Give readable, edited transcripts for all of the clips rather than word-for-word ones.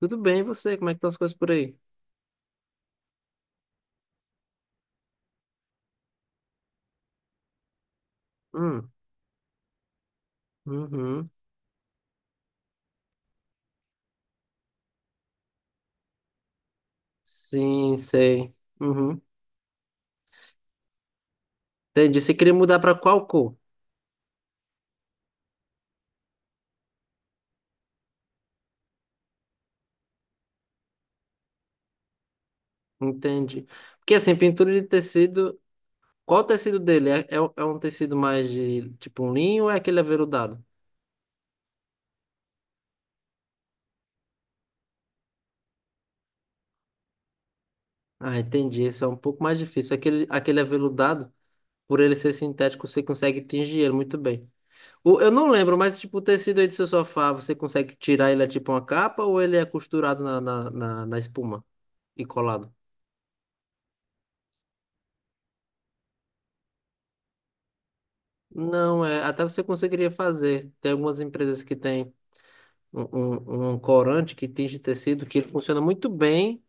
Tudo bem, e você? Como é que estão as coisas por aí? Hum, uhum. Sim, sei. Uhum. Entendi. Você queria mudar para qual cor? Entendi. Porque assim, pintura de tecido, qual o tecido dele? É um tecido mais de tipo um linho ou é aquele aveludado? Ah, entendi. Esse é um pouco mais difícil. Aquele aveludado, por ele ser sintético, você consegue tingir ele muito bem. O, eu não lembro, mas tipo, o tecido aí do seu sofá, você consegue tirar ele é tipo uma capa ou ele é costurado na espuma e colado? Não, até você conseguiria fazer. Tem algumas empresas que têm um, um corante que tinge tecido que ele funciona muito bem.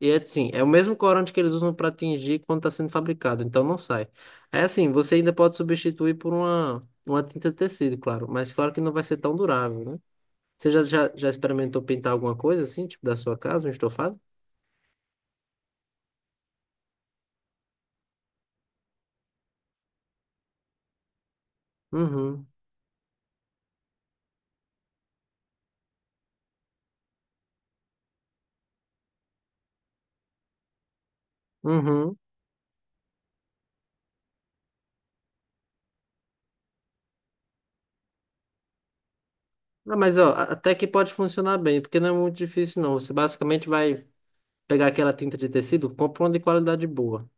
E é assim, é o mesmo corante que eles usam para tingir quando está sendo fabricado, então não sai. É assim, você ainda pode substituir por uma tinta de tecido, claro, mas claro que não vai ser tão durável, né? Você já experimentou pintar alguma coisa assim, tipo da sua casa, um estofado? Uhum, uhum. Ah, mas ó, até que pode funcionar bem, porque não é muito difícil, não. Você basicamente vai pegar aquela tinta de tecido, compra uma de qualidade boa.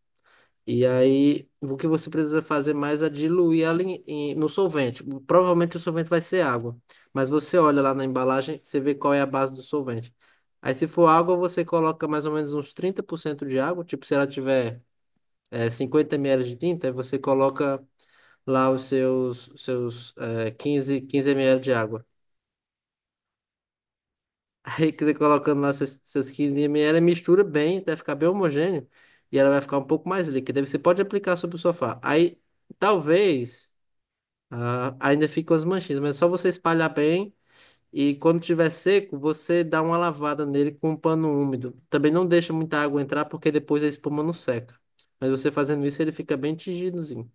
E aí, o que você precisa fazer mais é diluir ela no solvente. Provavelmente o solvente vai ser água, mas você olha lá na embalagem, você vê qual é a base do solvente. Aí, se for água, você coloca mais ou menos uns 30% de água. Tipo, se ela tiver 50 ml de tinta, aí você coloca lá seus eh, 15 15 ml de água. Aí que você colocando lá essas seus 15 ela mistura bem até ficar bem homogêneo e ela vai ficar um pouco mais líquida. Aí você pode aplicar sobre o sofá. Aí talvez ainda fique umas manchinhas, mas é só você espalhar bem e quando tiver seco, você dá uma lavada nele com um pano úmido. Também não deixa muita água entrar porque depois a espuma não seca. Mas você fazendo isso, ele fica bem tingidozinho.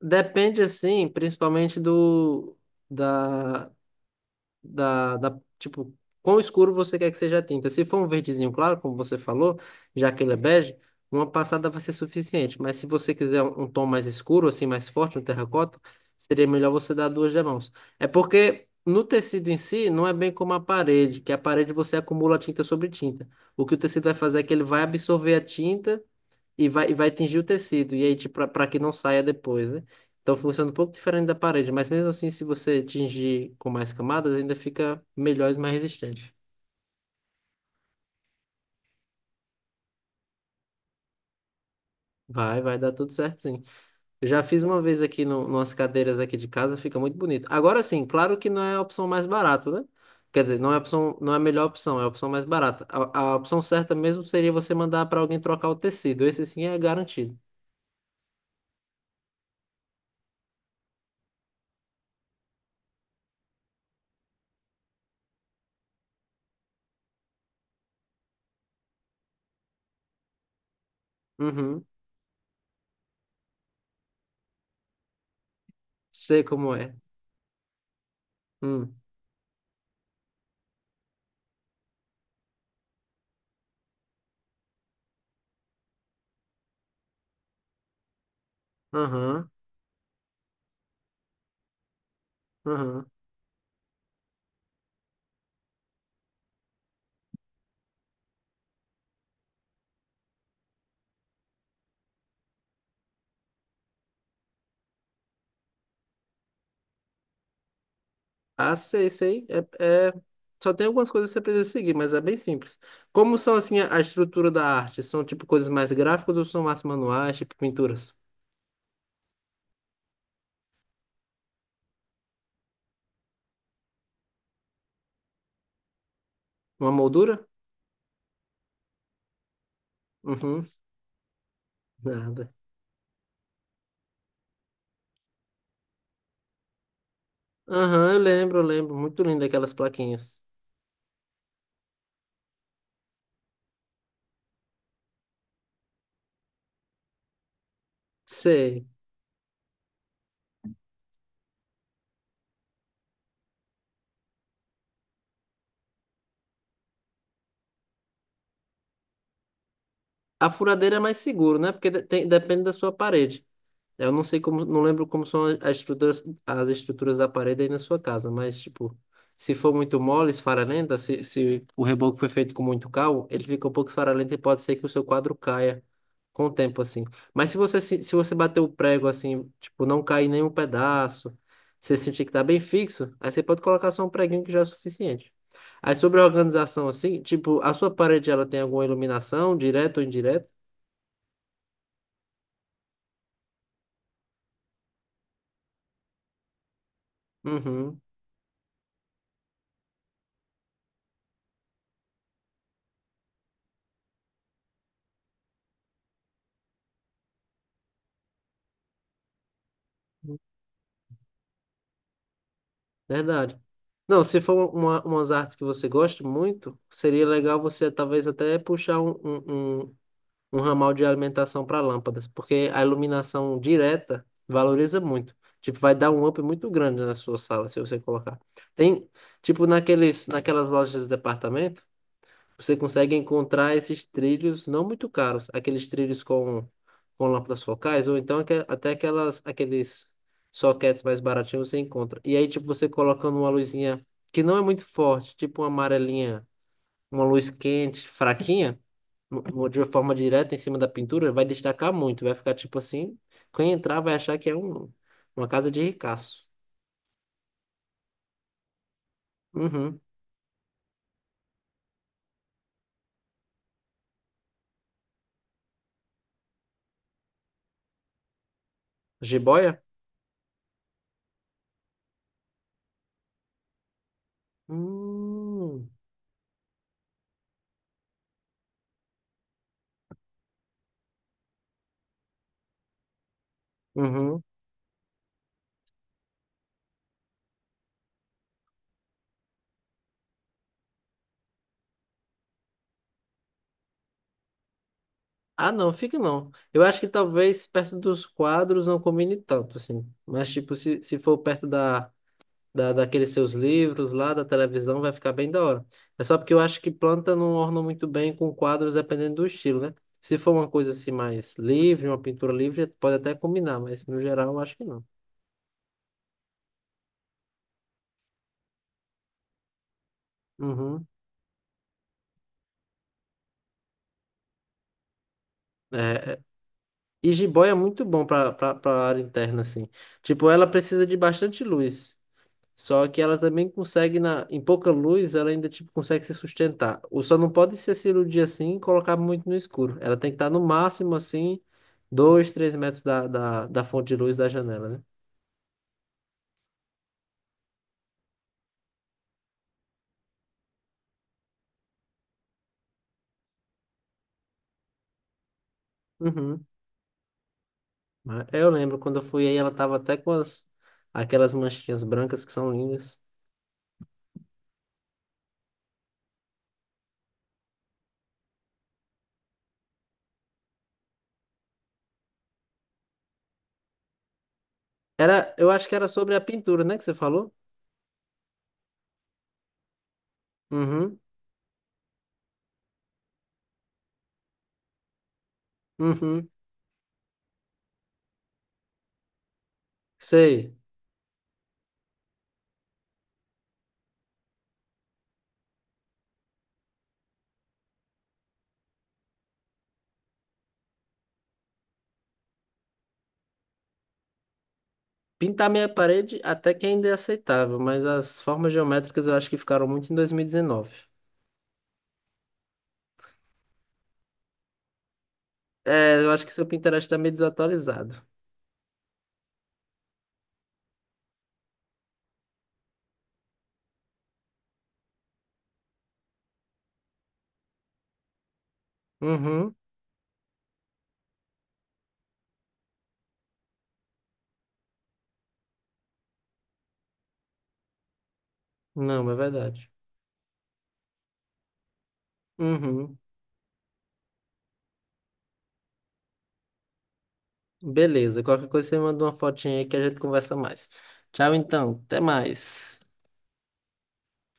Depende assim, principalmente da da, tipo, quão escuro você quer que seja a tinta. Se for um verdezinho claro, como você falou, já que ele é bege, uma passada vai ser suficiente. Mas se você quiser um tom mais escuro, assim, mais forte, um terracota, seria melhor você dar duas demãos. É porque no tecido em si, não é bem como a parede, que a parede você acumula tinta sobre tinta. O que o tecido vai fazer é que ele vai absorver a tinta e vai atingir o tecido, e aí, tipo, para que não saia depois, né? Então funciona um pouco diferente da parede, mas mesmo assim, se você atingir com mais camadas, ainda fica melhor e mais resistente. Vai dar tudo certo, sim. Eu já fiz uma vez aqui no, nas cadeiras aqui de casa, fica muito bonito. Agora sim, claro que não é a opção mais barata, né? Quer dizer, não é a opção, não é a melhor opção, é a opção mais barata. A opção certa mesmo seria você mandar para alguém trocar o tecido. Esse sim é garantido. Uhum. Sei como é. Hum. Aham. Aham. Ah, sei. É, é- Só tem algumas coisas que você precisa seguir, mas é bem simples. Como são, assim, a estrutura da arte? São, tipo, coisas mais gráficas ou são mais manuais, tipo pinturas? Uma moldura? Uhum, nada. Aham, eu lembro, eu lembro. Muito lindo aquelas plaquinhas. Sei. A furadeira é mais seguro, né? Porque depende da sua parede. Eu não sei como, não lembro como são as estruturas da parede aí na sua casa, mas tipo, se for muito mole, esfarelenta, se o reboco foi feito com muito cal, ele fica um pouco esfarelento e pode ser que o seu quadro caia com o tempo assim. Mas se você bater o prego assim, tipo, não cair nenhum pedaço, você sentir que tá bem fixo, aí você pode colocar só um preguinho que já é suficiente. Aí sobre a organização assim, tipo, a sua parede ela tem alguma iluminação, direta ou indireta? Uhum. Verdade. Não, se for umas artes que você gosta muito, seria legal você talvez até puxar um ramal de alimentação para lâmpadas, porque a iluminação direta valoriza muito. Tipo, vai dar um up muito grande na sua sala se você colocar. Tem, tipo, naquelas lojas de departamento. Você consegue encontrar esses trilhos não muito caros, aqueles trilhos com lâmpadas focais, ou então até aqueles sockets mais baratinhos você encontra. E aí, tipo, você colocando uma luzinha que não é muito forte, tipo uma amarelinha, uma luz quente, fraquinha, de uma forma direta em cima da pintura, vai destacar muito, vai ficar tipo assim. Quem entrar vai achar que é uma casa de ricaço. Uhum. Jiboia? Hum. Uhum. Ah, não, fica não. Eu acho que talvez perto dos quadros não combine tanto, assim. Mas, tipo, se for perto da, daqueles seus livros lá, da televisão, vai ficar bem da hora. É só porque eu acho que planta não orna muito bem com quadros, dependendo do estilo, né? Se for uma coisa assim mais livre, uma pintura livre, pode até combinar, mas no geral eu acho que não. Uhum. É, é. E jiboia é muito bom para área interna, assim. Tipo, ela precisa de bastante luz. Só que ela também consegue, em pouca luz, ela ainda tipo, consegue se sustentar. Ou só não pode ser cirurgia assim e colocar muito no escuro. Ela tem que estar no máximo assim, 2, 3 metros da fonte de luz da janela, né? Uhum. Mas eu lembro quando eu fui aí, ela tava até com as, aquelas manchinhas brancas que são lindas. Era, eu acho que era sobre a pintura, né, que você falou? Uhum, uhum, sei. Pintar minha parede até que ainda é aceitável, mas as formas geométricas eu acho que ficaram muito em 2019. É, eu acho que seu Pinterest tá meio desatualizado. Uhum. Não, é verdade. Uhum. Beleza. Qualquer coisa você manda uma fotinha aí que a gente conversa mais. Tchau, então. Até mais.